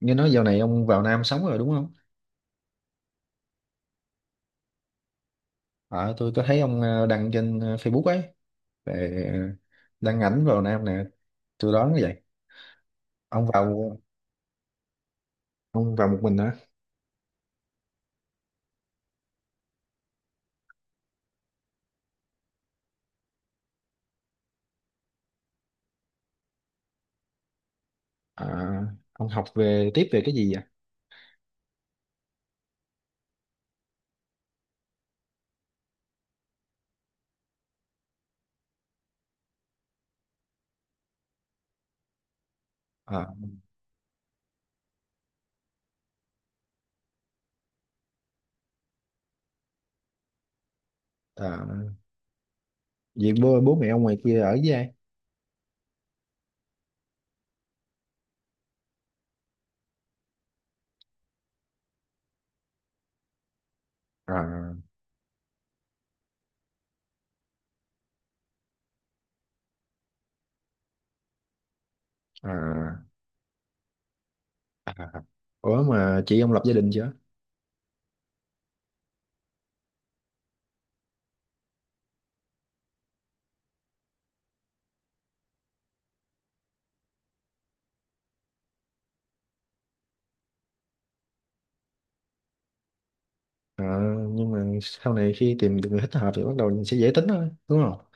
Nghe nói dạo này ông vào Nam sống rồi đúng không? À, tôi có thấy ông đăng trên Facebook ấy về đăng ảnh vào Nam nè, tôi đoán như vậy. Ông vào ông vào một mình hả? À, ông học về tiếp về cái gì vậy? À, à, vậy bố mẹ ông ngoài kia ở với ai? À, à, à. Ủa mà chị ông lập gia đình chưa? À, nhưng mà sau này khi tìm được người thích hợp thì bắt đầu sẽ dễ tính thôi, đúng không?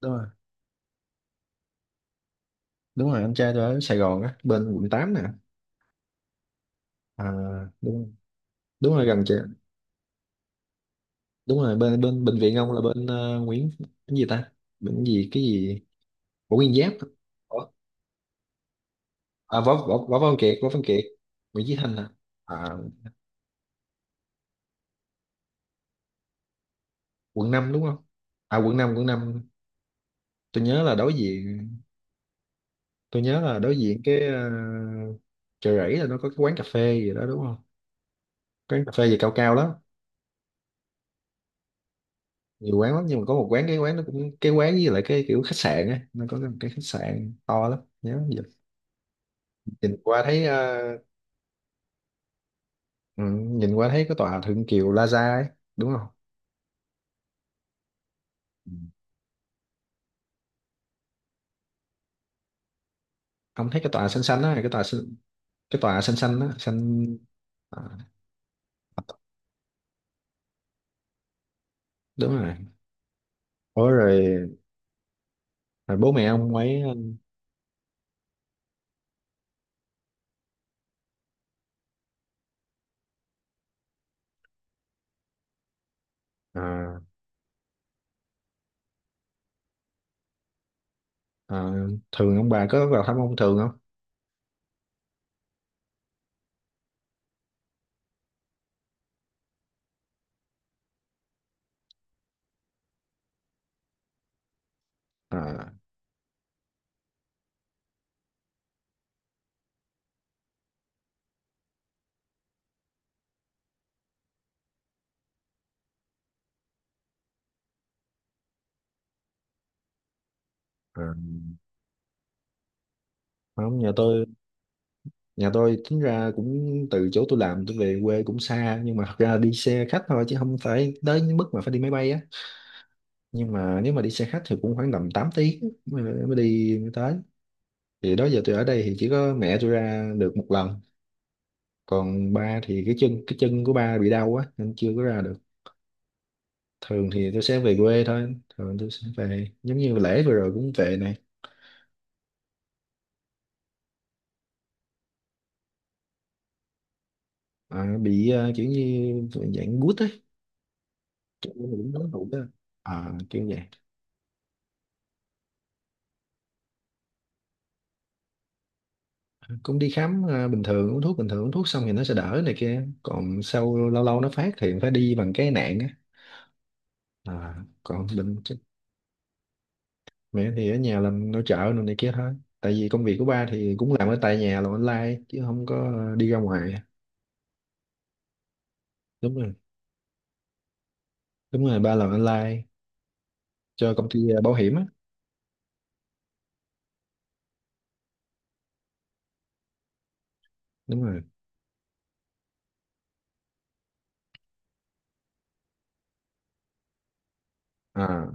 Đúng rồi, đúng rồi, anh trai tôi ở Sài Gòn á, bên quận 8 nè. À, đúng, đúng rồi, gần chị. Đúng rồi, bên bên bệnh viện ông là bên Nguyễn cái gì ta, bệnh gì cái gì, Võ Nguyên Giáp. Ủa? À, Võ Võ Võ Văn Kiệt Võ Văn Kiệt Nguyễn Chí Thanh à. À, quận 5 đúng không? À, quận năm, quận năm. tôi nhớ là đối diện tôi nhớ là đối diện cái Chợ Rẫy là nó có cái quán cà phê gì đó đúng không? Quán cà phê gì cao cao lắm. Nhiều quán lắm, nhưng mà có một quán, cái quán nó cũng, cái quán với lại cái kiểu khách sạn á, nó có một cái khách sạn to lắm nhớ giờ. nhìn qua thấy ờ, ừ, Nhìn qua thấy cái tòa Thượng Kiều Plaza ấy, đúng không? Ừ. Ông thấy cái tòa xanh xanh á, cái tòa xanh xanh á, xanh à. Đúng rồi. Ủa rồi, rồi bố mẹ ông ấy? À, à. Thường ông bà có vào thăm ông thường không? À, à. Không, nhà tôi. Nhà tôi tính ra cũng từ chỗ tôi làm tôi về quê cũng xa, nhưng mà thật ra đi xe khách thôi chứ không phải tới mức mà phải đi máy bay á. Nhưng mà nếu mà đi xe khách thì cũng khoảng tầm 8 tiếng mới đi mới tới. Thì đó giờ tôi ở đây thì chỉ có mẹ tôi ra được một lần. Còn ba thì cái chân của ba bị đau quá nên chưa có ra được. Thường thì tôi sẽ về quê thôi, thường tôi sẽ về giống như lễ vừa rồi cũng về này. À, bị kiểu như dạng gút ấy. Kiểu như cũng nói hụt á. À, kiểu vậy. Cũng đi khám bình thường uống thuốc, bình thường uống thuốc xong thì nó sẽ đỡ này kia, còn sau lâu lâu nó phát thì phải đi bằng cái nạn á. À, còn bệnh chứ. Mẹ thì ở nhà làm nội trợ rồi này kia thôi. Tại vì công việc của ba thì cũng làm ở tại nhà, làm online chứ không có đi ra ngoài. Đúng rồi. Đúng rồi, ba làm online cho công ty bảo hiểm á. Đúng rồi. À,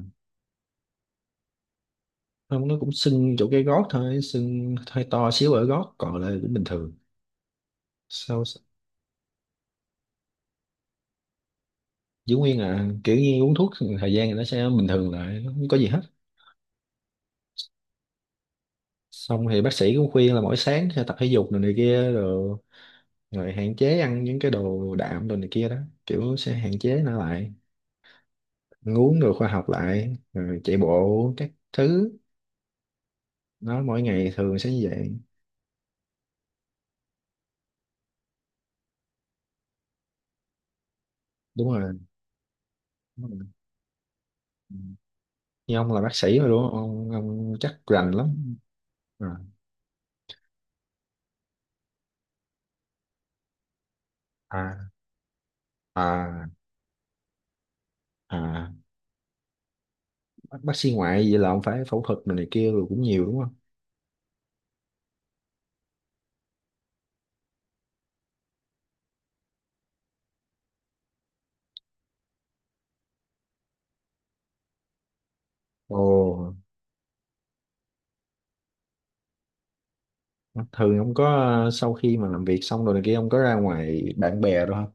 không, nó cũng sưng chỗ cái gót thôi, sưng hơi to xíu ở gót, còn lại cũng bình thường. Sau giữ nguyên à, kiểu như uống thuốc thời gian thì nó sẽ bình thường lại, nó không có gì hết. Xong thì bác sĩ cũng khuyên là mỗi sáng sẽ tập thể dục rồi này kia rồi, rồi hạn chế ăn những cái đồ đạm, đồ này kia đó, kiểu sẽ hạn chế nó lại. Ăn uống đồ khoa học lại rồi chạy bộ các thứ. Nó mỗi ngày thường sẽ như vậy. Đúng rồi, đúng rồi. Ừ. Như ông là bác sĩ rồi đúng không, ông chắc rành lắm. À, à, à, à. Bác sĩ ngoại vậy là ông phải phẫu thuật này kia rồi cũng nhiều đúng không? Ồ. Thường ông có sau khi mà làm việc xong rồi này kia ông có ra ngoài bạn bè rồi không?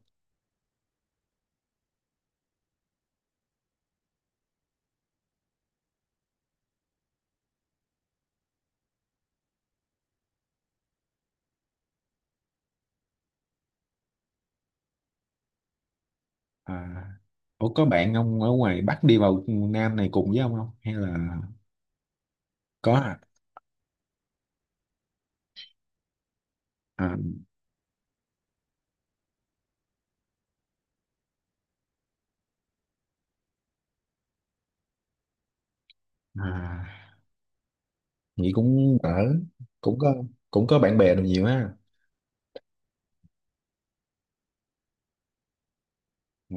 À. Ủa, có bạn ông ở ngoài Bắc đi vào Nam này cùng với ông không, hay là có à, à, à. Vậy cũng ở, cũng có, cũng có bạn bè được nhiều ha. Ừ.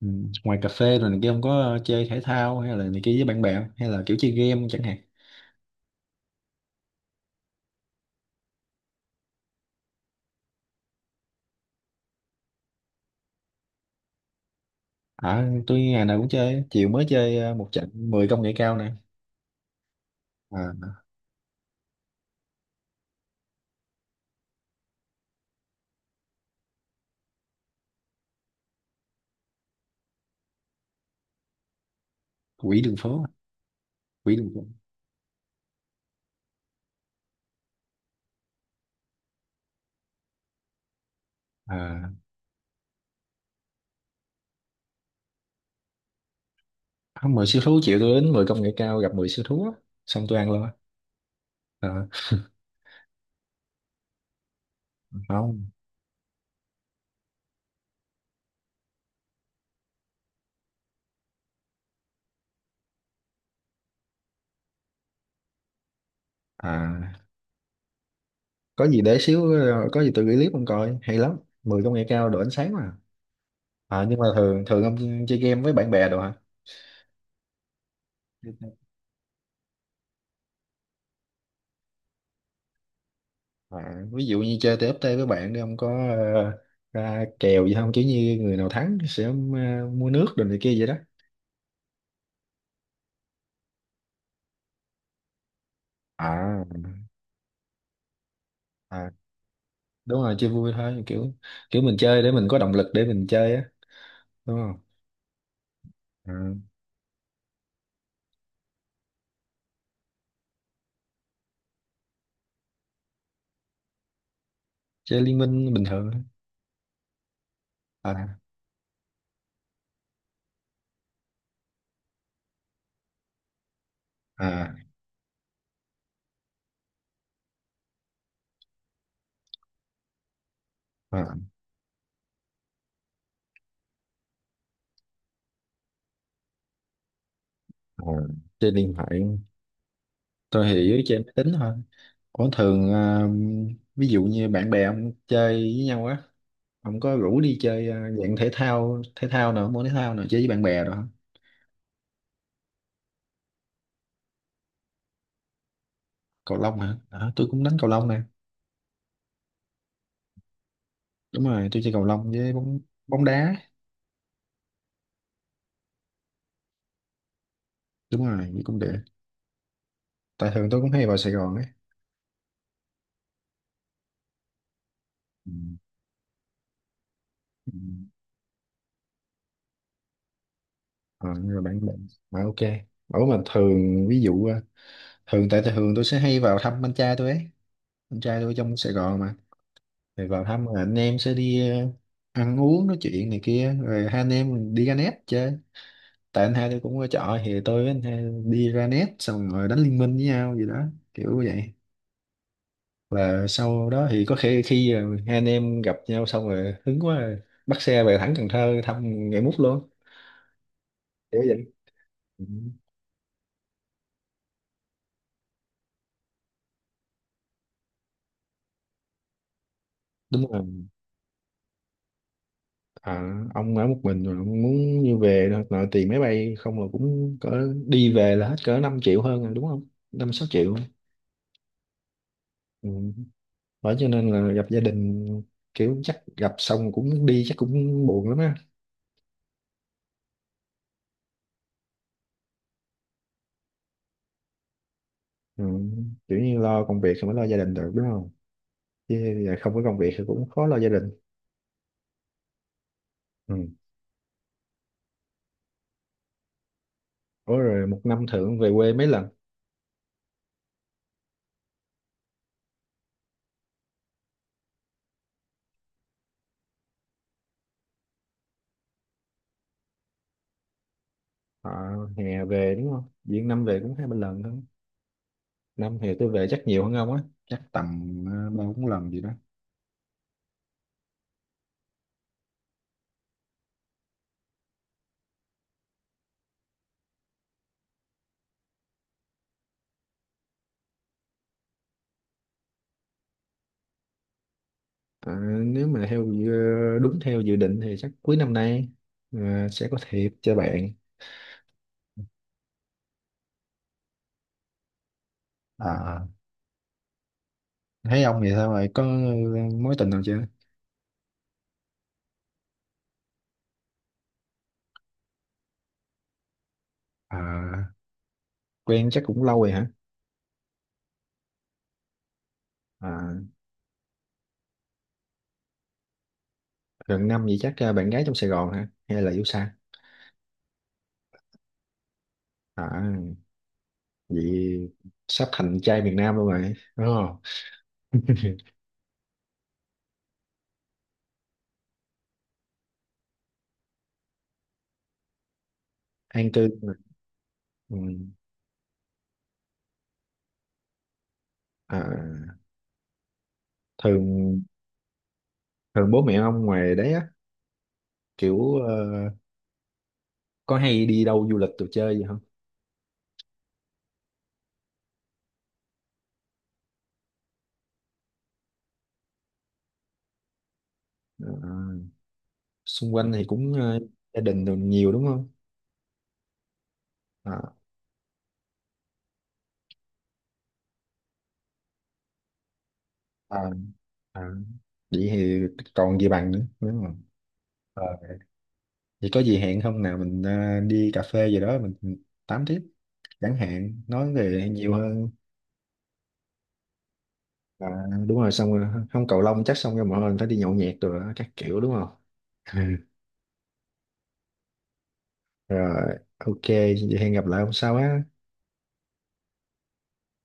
Ừ. Ngoài cà phê rồi này kia ông có chơi thể thao hay là này kia với bạn bè hay là kiểu chơi game chẳng hạn. À, tôi ngày nào cũng chơi, chiều mới chơi một trận 10 công nghệ cao nè. À, quỷ đường phố, quỷ đường phố. À, không, 10 siêu thú, chiều tôi đến 10 công nghệ cao gặp 10 siêu thú á. Xong tôi ăn luôn á. À, không. À, có gì để xíu có gì tôi gửi clip ông coi hay lắm. 10 công nghệ cao độ ánh sáng mà. À, nhưng mà thường thường ông chơi game với bạn bè đồ hả? À, ví dụ như chơi TFT với bạn đi ông có ờ, ra kèo gì không chứ như người nào thắng sẽ mua nước đồ này kia vậy đó. À, à, đúng rồi chơi vui thôi kiểu, kiểu mình chơi để mình có động lực để mình chơi á, đúng không? À, chơi liên minh bình thường thôi. À, à, à, à. Chơi điện thoại. Tôi thì dưới chơi máy tính thôi. Có thường ví dụ như bạn bè ông chơi với nhau á, ông có rủ đi chơi dạng thể thao, thể thao nào, môn thể thao nào chơi với bạn bè rồi? Cầu lông hả? À, tôi cũng đánh cầu lông nè. Đúng rồi, tôi chơi cầu lông với bóng bóng đá. Đúng rồi, với cũng được. Tại thường tôi cũng hay vào Sài Gòn ấy. Ừ. Ừ. Ờ, nhưng mà bạn bạn mà ok, bảo mà thường ví dụ thường tại thường tôi sẽ hay vào thăm anh trai tôi ấy, anh trai tôi trong Sài Gòn mà, rồi vào thăm rồi anh em sẽ đi ăn uống nói chuyện này kia rồi hai anh em đi ra net chơi. Tại anh hai tôi cũng ở trọ thì tôi với anh hai đi ra net xong rồi đánh liên minh với nhau gì đó, kiểu vậy. Là sau đó thì có khi khi hai anh em gặp nhau xong rồi hứng quá rồi, bắt xe về thẳng Cần Thơ thăm ngày mút luôn, kiểu vậy. Ừ. Đúng rồi. À, ông ở một mình rồi ông muốn như về thôi, nội tiền máy bay không là cũng cỡ, đi về là hết cỡ 5 triệu hơn rồi đúng không, 5-6 triệu. Ừ. Bởi cho nên là gặp gia đình kiểu chắc gặp xong cũng đi chắc cũng buồn lắm á. Ừ. Kiểu như lo công việc rồi mới lo gia đình được đúng không, chứ giờ không có công việc thì cũng khó lo gia đình. Ừ. Ủa rồi một năm thưởng về quê mấy lần? À, hè về đúng không? Diễn năm về cũng 2-3 lần thôi. Năm hè tôi về chắc nhiều hơn ông á. Chắc tầm ờ, 3-4 lần gì đó. À, nếu mà đúng theo dự định thì chắc cuối năm nay à, sẽ có thiệp cho bạn. À, thấy ông vậy sao vậy có mối tình nào chưa? À, quen chắc cũng lâu rồi hả? À, gần năm vậy chắc à, bạn gái trong Sài Gòn hả? Hay là yêu xa? À, vậy sắp thành trai miền Nam luôn rồi. Đúng không? An cư mà. Ừ. À, thường thường bố mẹ ông ngoài đấy á, kiểu có hay đi đâu du lịch đồ chơi gì không? Ờ, xung quanh thì cũng gia đình đồ nhiều đúng không? À, à, à. Vậy thì còn gì bằng nữa đúng không? Ờ, vậy có gì hẹn không nào mình đi cà phê gì đó mình tám tiếp chẳng hạn, nói về nhiều hơn. À, đúng rồi, xong rồi không cầu lông chắc xong rồi mọi người phải đi nhậu nhẹt rồi đó, các kiểu đúng không? Ừ. Rồi ok vậy hẹn gặp lại hôm sau á.